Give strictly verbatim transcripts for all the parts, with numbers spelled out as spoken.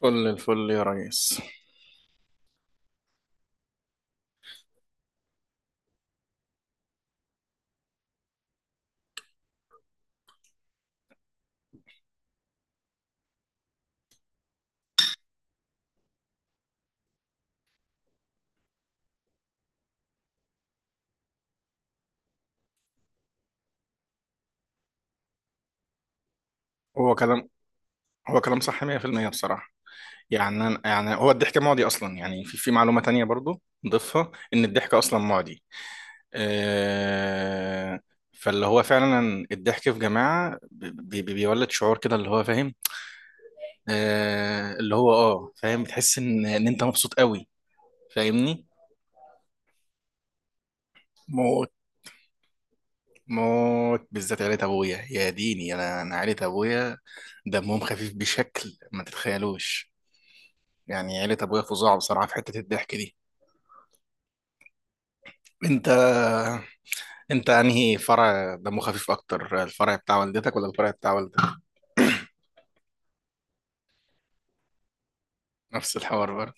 كل الفل يا ريس. هو كلام هو كلام صح مية في المية بصراحة. يعني أنا، يعني هو الضحك معدي أصلا. يعني في في معلومة تانية برضو نضيفها، إن الضحك أصلا معدي. آه فاللي هو فعلا الضحك في جماعة بي بي بيولد شعور كده اللي هو فاهم. آه اللي هو اه فاهم، بتحس إن إن أنت مبسوط قوي، فاهمني؟ موت موت، بالذات عيلة أبويا. يا ديني، أنا أنا عيلة أبويا دمهم خفيف بشكل ما تتخيلوش. يعني عيلة أبويا فظاع بصراحة في حتة الضحك دي. أنت أنت أنهي فرع دمه خفيف أكتر، الفرع بتاع والدتك ولا الفرع بتاع والدك؟ نفس الحوار برضه.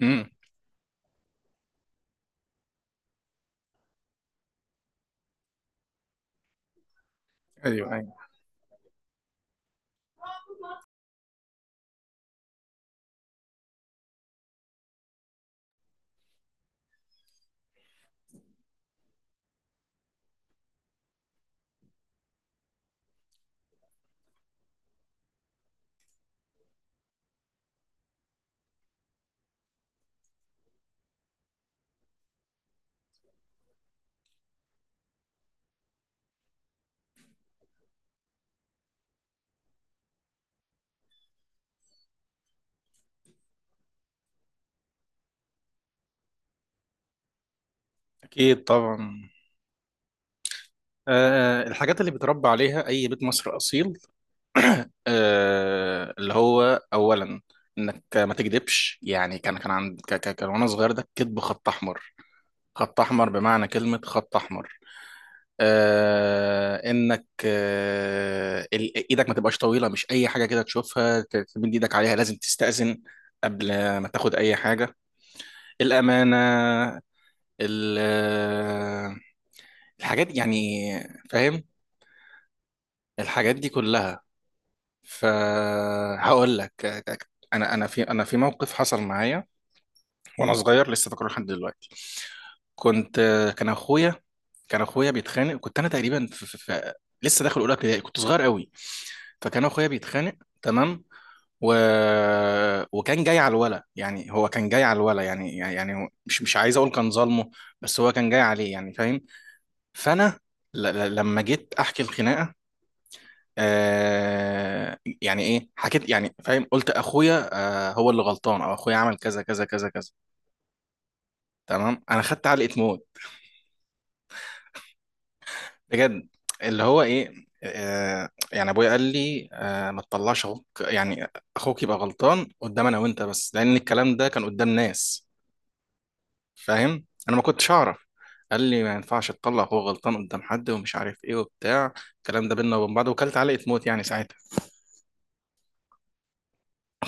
امم. أيوه أيوه. أكيد طبعا. أه، الحاجات اللي بتربى عليها أي بيت مصر أصيل، أه اللي هو أولا إنك ما تكذبش. يعني كان كان عند ك- ك- كان وأنا صغير، ده الكذب خط أحمر، خط أحمر بمعنى كلمة خط أحمر. آه، انك آه ال- ايدك ما تبقاش طويله، مش اي حاجه كده تشوفها ت- تمد ايدك عليها، لازم تستأذن قبل ما تاخد اي حاجه، الامانه ال- آه، الحاجات دي يعني، فاهم؟ الحاجات دي كلها. فهقول لك، انا انا في انا في موقف حصل معايا وانا صغير لسه فاكره لحد دلوقتي. كنت آه، كان اخويا كان اخويا بيتخانق. كنت انا تقريبا في في في لسه داخل اولى ابتدائي، كنت صغير قوي. فكان اخويا بيتخانق، تمام، و... وكان جاي على الولا يعني هو كان جاي على الولا، يعني يعني هو- مش مش عايز اقول كان ظالمه، بس هو كان جاي عليه يعني، فاهم؟ فانا ل... ل- لما جيت احكي الخناقه، آه يعني ايه حكيت يعني، فاهم، قلت اخويا آه هو اللي غلطان، او اخويا عمل كذا كذا كذا كذا، تمام. انا خدت علقه موت، بجد. اللي هو ايه، آه يعني ابويا قال لي آه ما تطلعش اخوك يعني. اخوك يبقى غلطان قدام انا وانت بس، لان الكلام ده كان قدام ناس، فاهم؟ انا ما كنتش اعرف. قال لي ما ينفعش تطلع هو غلطان قدام حد ومش عارف ايه وبتاع الكلام ده بينا وبين بعض. وكلت علقة موت يعني ساعتها.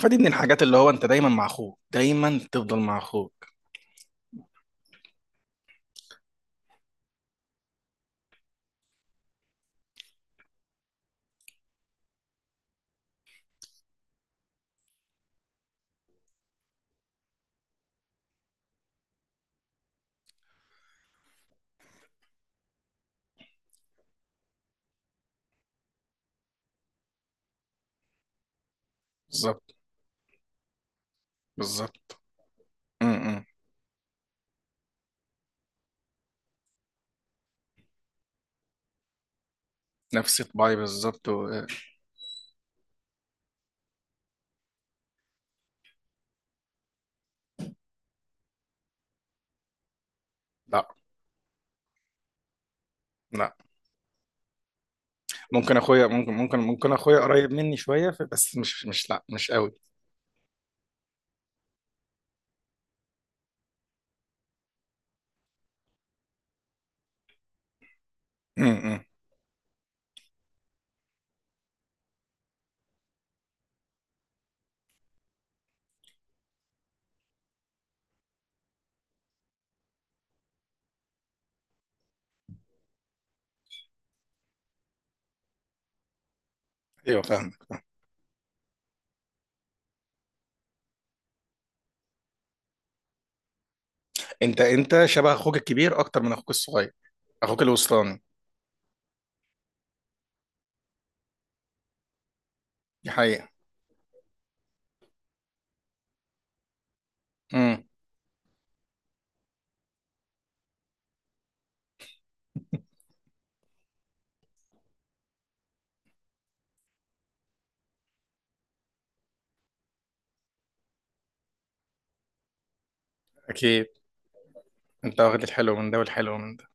فدي من الحاجات، اللي هو انت دايما مع اخوك، دايما تفضل مع اخوك. بالظبط بالظبط. امم. نفس طباعي بالظبط و... لا، لا، ممكن اخويا، ممكن ممكن ممكن اخويا قريب مني شويه ف- بس مش مش لا مش قوي. امم. ايوه فاهم. انت انت شبه اخوك الكبير اكتر من اخوك الصغير. اخوك الوسطاني. دي حقيقه. امم. اكيد. انت واخد الحلو من ده والحلو من ده.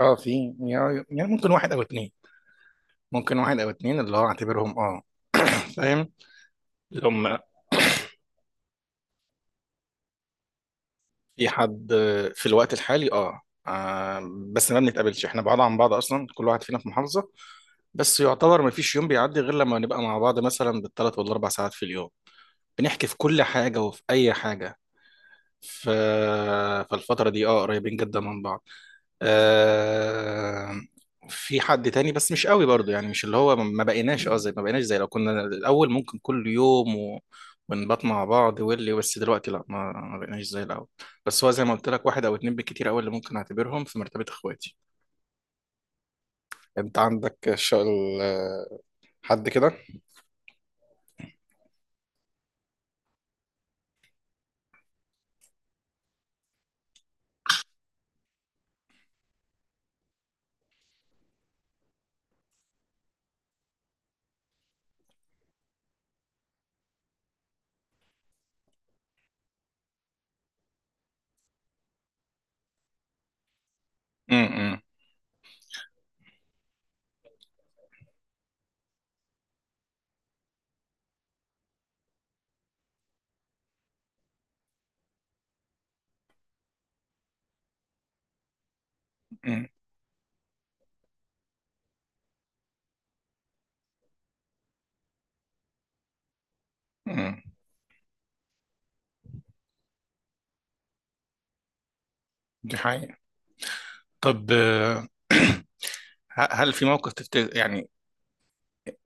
اه في، يعني يعني ممكن واحد او اتنين. ممكن واحد او اتنين اللي هو اعتبرهم، اه فاهم، اللي هم. في حد في الوقت الحالي، اه آه، بس ما بنتقابلش، احنا بعاد عن بعض اصلا، كل واحد فينا في محافظة. بس يعتبر ما فيش يوم بيعدي غير لما نبقى مع بعض مثلا بالثلاث والاربع ساعات في اليوم، بنحكي في كل حاجة وفي اي حاجة. ف... فالفترة دي اه قريبين جدا من بعض. آه... في حد تاني بس مش قوي برضو، يعني مش اللي هو ما بقيناش اه زي ما بقيناش، زي لو كنا الأول ممكن كل يوم و... ونبات مع بعض واللي. بس دلوقتي لا، ما ما بقيناش زي الأول. بس هو زي ما قلت لك، واحد أو اتنين بالكتير أوي اللي ممكن أعتبرهم في مرتبة إخواتي. أنت عندك ش... ال- حد كده؟ امم. امم. امم. دي حقيقة. طب آه، ه- هل في موقف تفتكر يعني،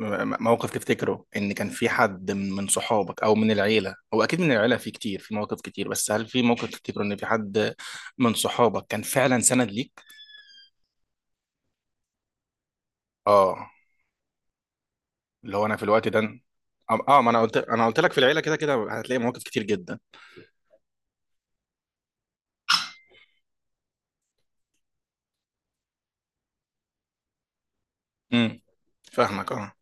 م- موقف تفتكره ان كان في حد من من صحابك او من العيله، هو اكيد من العيله في كتير، في مواقف كتير، بس هل في موقف تفتكره ان في حد من صحابك كان فعلا سند ليك؟ اه، اللي هو انا في الوقت ده، اه آه، ما انا قلت انا قلت لك، في العيله كده كده هتلاقي مواقف كتير جدا. امم. فاهمك اه.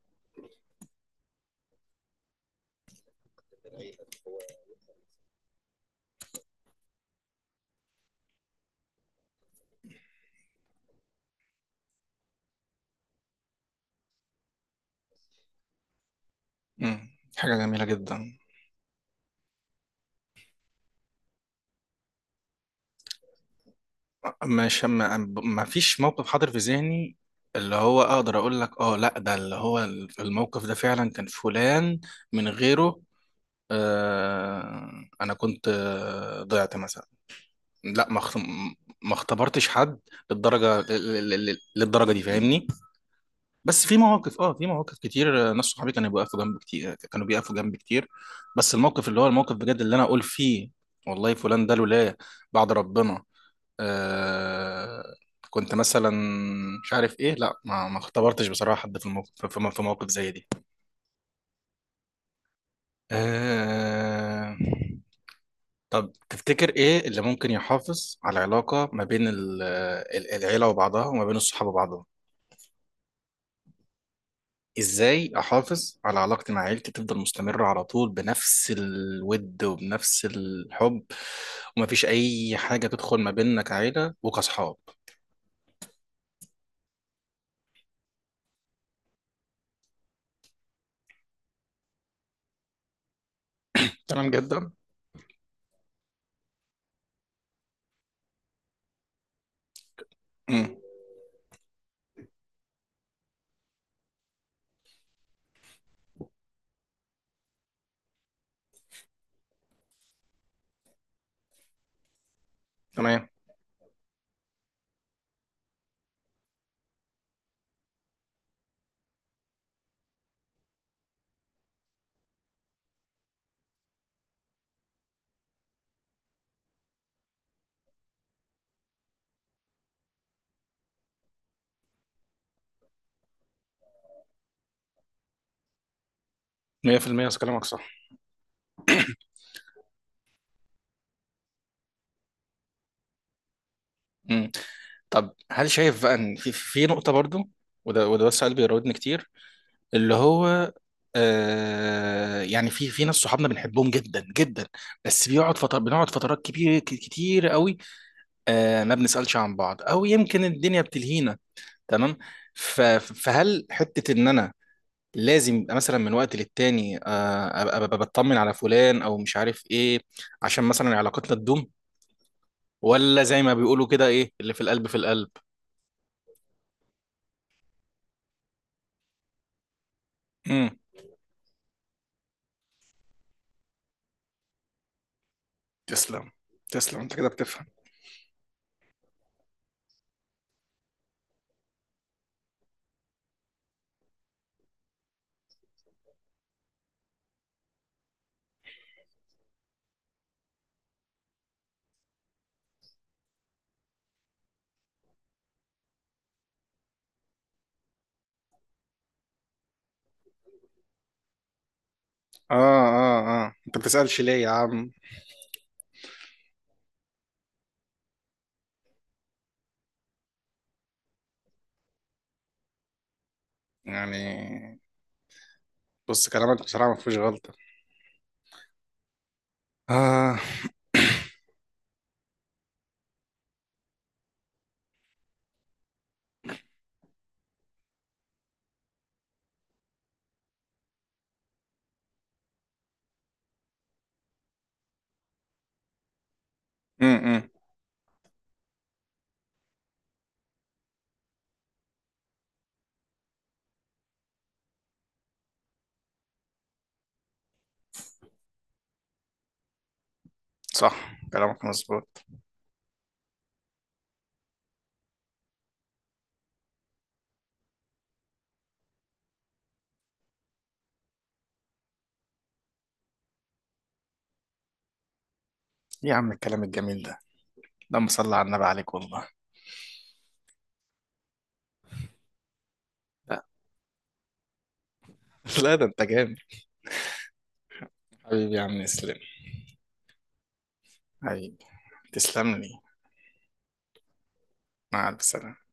امم. حاجه جميله جدا. مش ما, ما فيش موقف حاضر في ذهني اللي هو اقدر اقول لك اه لا ده اللي هو في الموقف ده فعلا كان فلان، من غيره آه، انا كنت آه، ضعت مثلا. لا ما اخت- ما اختبرتش حد للدرجه لل- لل- للدرجه دي، فاهمني؟ بس في مواقف، اه في مواقف كتير آه، ناس صحابي كانوا بيقفوا جنب كتير، كانوا بيقفوا جنب كتير. بس الموقف اللي هو الموقف بجد اللي انا اقول فيه والله فلان ده لولا بعد ربنا، آه، كنت مثلا مش عارف ايه. لا، ما ما اختبرتش بصراحه حد في الموقف، في في موقف زي دي. آه. طب تفتكر ايه اللي ممكن يحافظ على العلاقة ما بين ال- آه، ال- العيلة وبعضها، وما بين الصحاب وبعضهم؟ ازاي احافظ على علاقتي مع عيلتي تفضل مستمرة على طول بنفس الود وبنفس الحب، ومفيش اي حاجة تدخل ما بيننا كعيلة وكصحاب؟ تمام جدا. امم. تمام. مية في المية كلامك صح. امم. طب هل شايف بقى ان في في نقطة برضو، وده وده بس سؤال بيراودني كتير، اللي هو آه يعني في في ناس صحابنا بنحبهم جدا جدا، بس بيقعد فتر بنقعد فترات كبيره ك- كتير قوي. آه ما بنسالش عن بعض، او يمكن الدنيا بتلهينا، تمام. ف- فهل حته ان انا لازم يبقى مثلا من وقت للتاني آه، ابقى أبقى بطمن على فلان او مش عارف ايه، عشان مثلا علاقتنا تدوم؟ ولا زي ما بيقولوا كده، ايه اللي في القلب في القلب؟ امم. تسلم. تسلم انت كده بتفهم. اه، اه، اه، انت بتسألش ليه يا عم؟ يعني. بص كلامك بصراحة ما فيهوش غلطة. آه. امم. صح كلامك مظبوط. إيه يا عم الكلام الجميل ده؟ اللهم صل على النبي، عليك والله. لا. لا ده انت جامد. حبيبي يا عم، اسلم. حبيبي، تسلم لي. مع السلامة.